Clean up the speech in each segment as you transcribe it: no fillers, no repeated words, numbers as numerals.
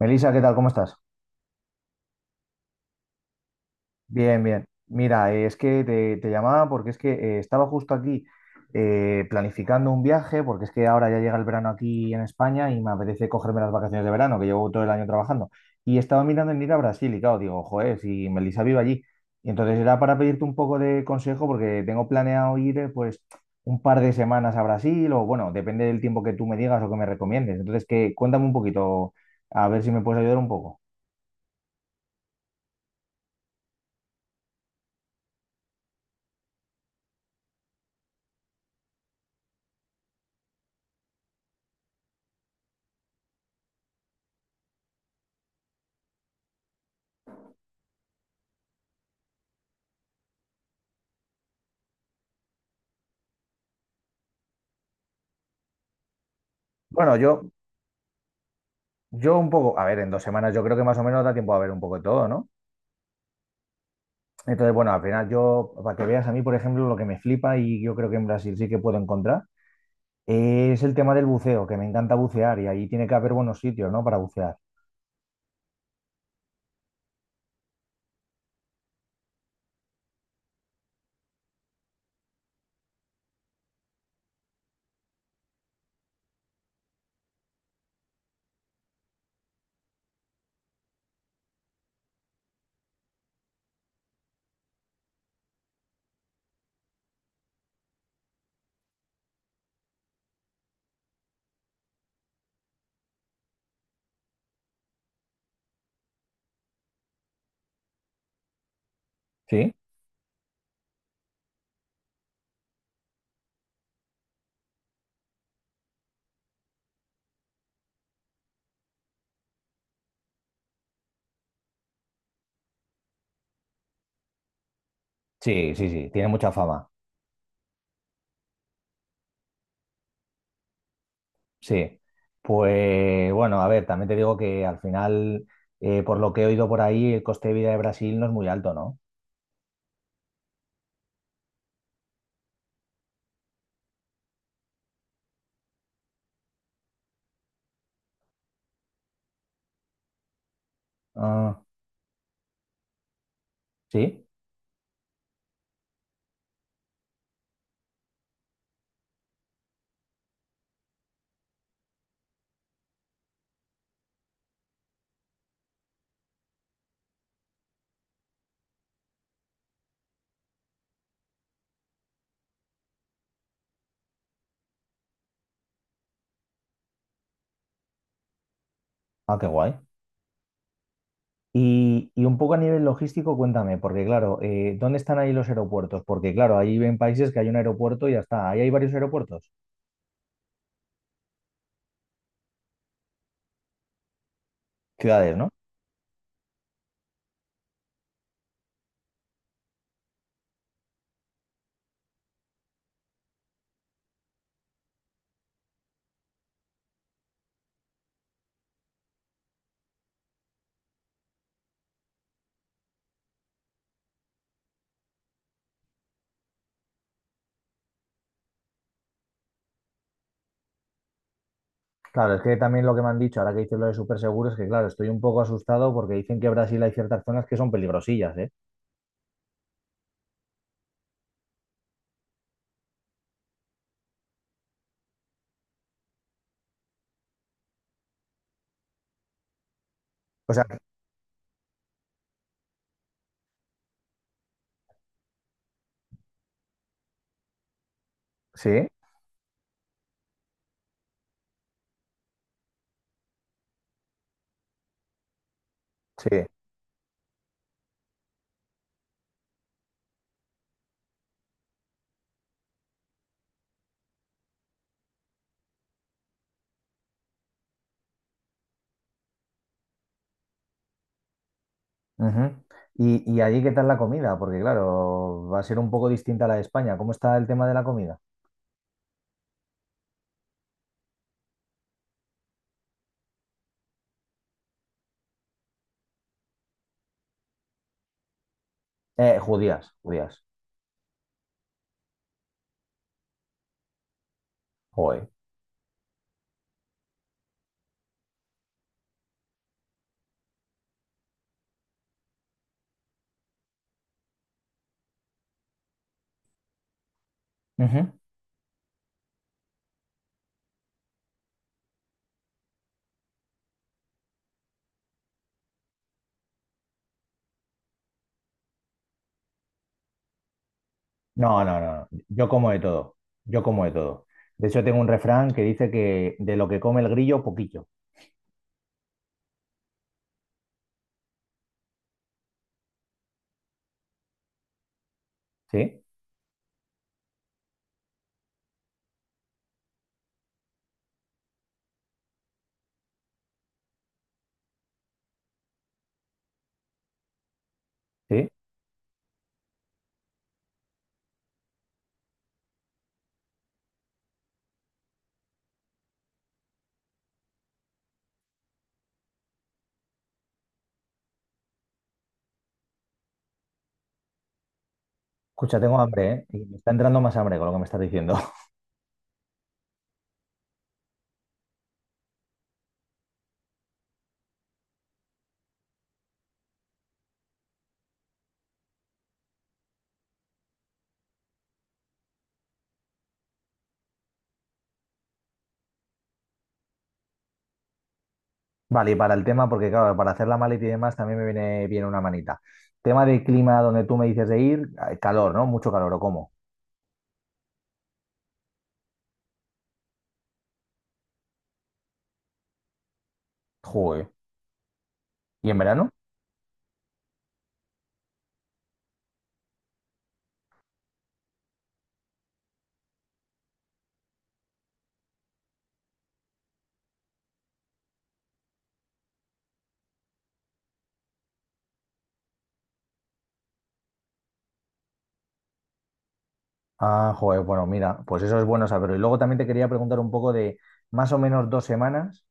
Melissa, ¿qué tal? ¿Cómo estás? Bien, bien. Mira, es que te llamaba porque es que estaba justo aquí planificando un viaje, porque es que ahora ya llega el verano aquí en España y me apetece cogerme las vacaciones de verano, que llevo todo el año trabajando. Y estaba mirando en ir a Brasil y claro, digo, joder, si Melissa vive allí. Y entonces era para pedirte un poco de consejo porque tengo planeado ir pues un par de semanas a Brasil o bueno, depende del tiempo que tú me digas o que me recomiendes. Entonces, que cuéntame un poquito, a ver si me puedes ayudar un poco. Bueno, yo un poco, a ver, en dos semanas yo creo que más o menos da tiempo a ver un poco de todo, ¿no? Entonces, bueno, al final yo, para que veas a mí, por ejemplo, lo que me flipa y yo creo que en Brasil sí que puedo encontrar, es el tema del buceo, que me encanta bucear y ahí tiene que haber buenos sitios, ¿no? Para bucear. Sí, sí, sí, sí, tiene mucha fama. Sí. Pues bueno, a ver, también te digo que al final, por lo que he oído por ahí, el coste de vida de Brasil no es muy alto, ¿no? Ah, sí. Ah, qué guay. Y un poco a nivel logístico, cuéntame, porque claro, ¿dónde están ahí los aeropuertos? Porque claro, ahí ven países que hay un aeropuerto y ya está. Ahí hay varios aeropuertos, ciudades, ¿no? Claro, es que también lo que me han dicho, ahora que dices lo de súper seguro, es que claro, estoy un poco asustado porque dicen que en Brasil hay ciertas zonas que son peligrosillas, ¿eh? O sea, sí, sí. Ujú. Y allí, ¿qué tal la comida? Porque claro, va a ser un poco distinta a la de España. ¿Cómo está el tema de la comida? Judías, judías. Joder. No, no, no. Yo como de todo. Yo como de todo. De hecho, tengo un refrán que dice que de lo que come el grillo, poquillo. ¿Sí? ¿Sí? Escucha, tengo hambre, ¿eh? Y me está entrando más hambre con lo que me estás diciendo. Vale, y para el tema, porque claro, para hacer la maleta y demás también me viene bien una manita. Tema de clima donde tú me dices de ir, calor, ¿no? Mucho calor, ¿o cómo? Joder. ¿Y en verano? Ah, joder, bueno, mira, pues eso es bueno saberlo. Y luego también te quería preguntar un poco de más o menos dos semanas.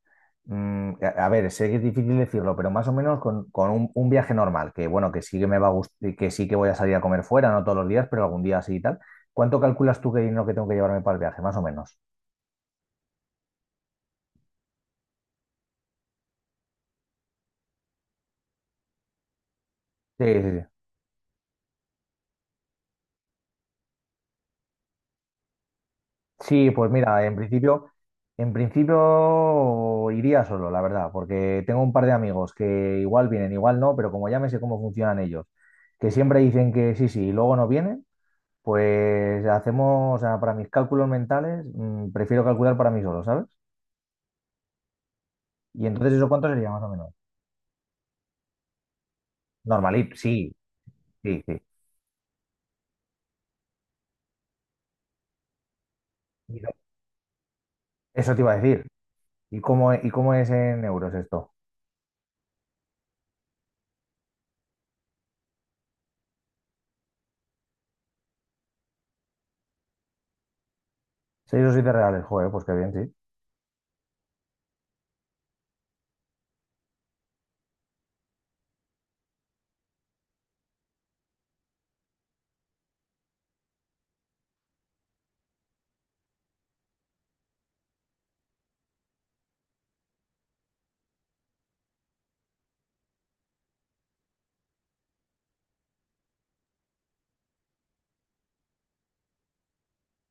A ver, sé que es difícil decirlo, pero más o menos con un viaje normal, que bueno, que sí que me va a gustar, que sí que voy a salir a comer fuera, no todos los días, pero algún día sí y tal. ¿Cuánto calculas tú que dinero que tengo que llevarme para el viaje, más o menos? Sí, sí, Sí, pues mira, en principio iría solo, la verdad, porque tengo un par de amigos que igual vienen, igual no, pero como ya me sé cómo funcionan ellos, que siempre dicen que sí, sí, y luego no vienen, pues hacemos, o sea, para mis cálculos mentales, prefiero calcular para mí solo, ¿sabes? Y entonces, ¿eso cuánto sería más o menos? Normalito, sí, sí, sí. Y no- Eso te iba a decir. Y cómo es en euros esto? ¿Seis o siete reales? Joder, pues qué bien, sí.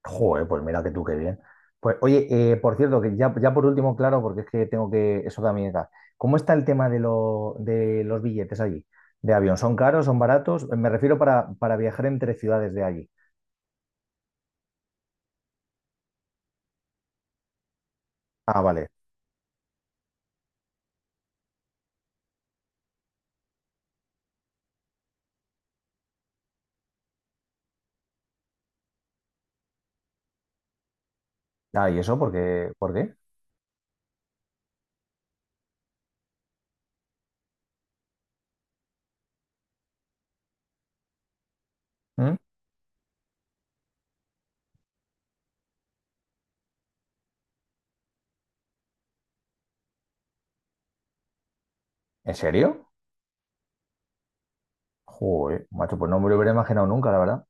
Joder, pues mira que tú qué bien. Pues oye, por cierto, ya por último, claro, porque es que tengo que, eso también está. ¿Cómo está el tema de los billetes allí? ¿De avión? ¿Son caros? ¿Son baratos? Me refiero para viajar entre ciudades de allí. Ah, vale. Ah, ¿y eso por qué? ¿Por qué? ¿Mm? ¿En serio? Joder, macho, pues no me lo hubiera imaginado nunca, la verdad.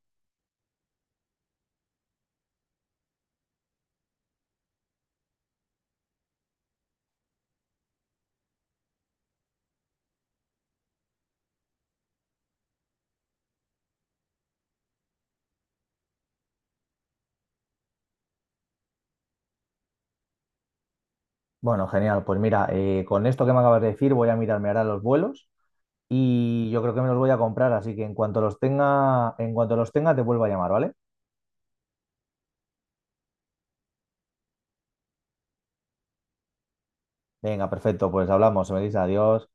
Bueno, genial. Pues mira, con esto que me acabas de decir, voy a mirarme ahora los vuelos y yo creo que me los voy a comprar, así que en cuanto los tenga, en cuanto los tenga, te vuelvo a llamar, ¿vale? Venga, perfecto, pues hablamos, se me dice adiós.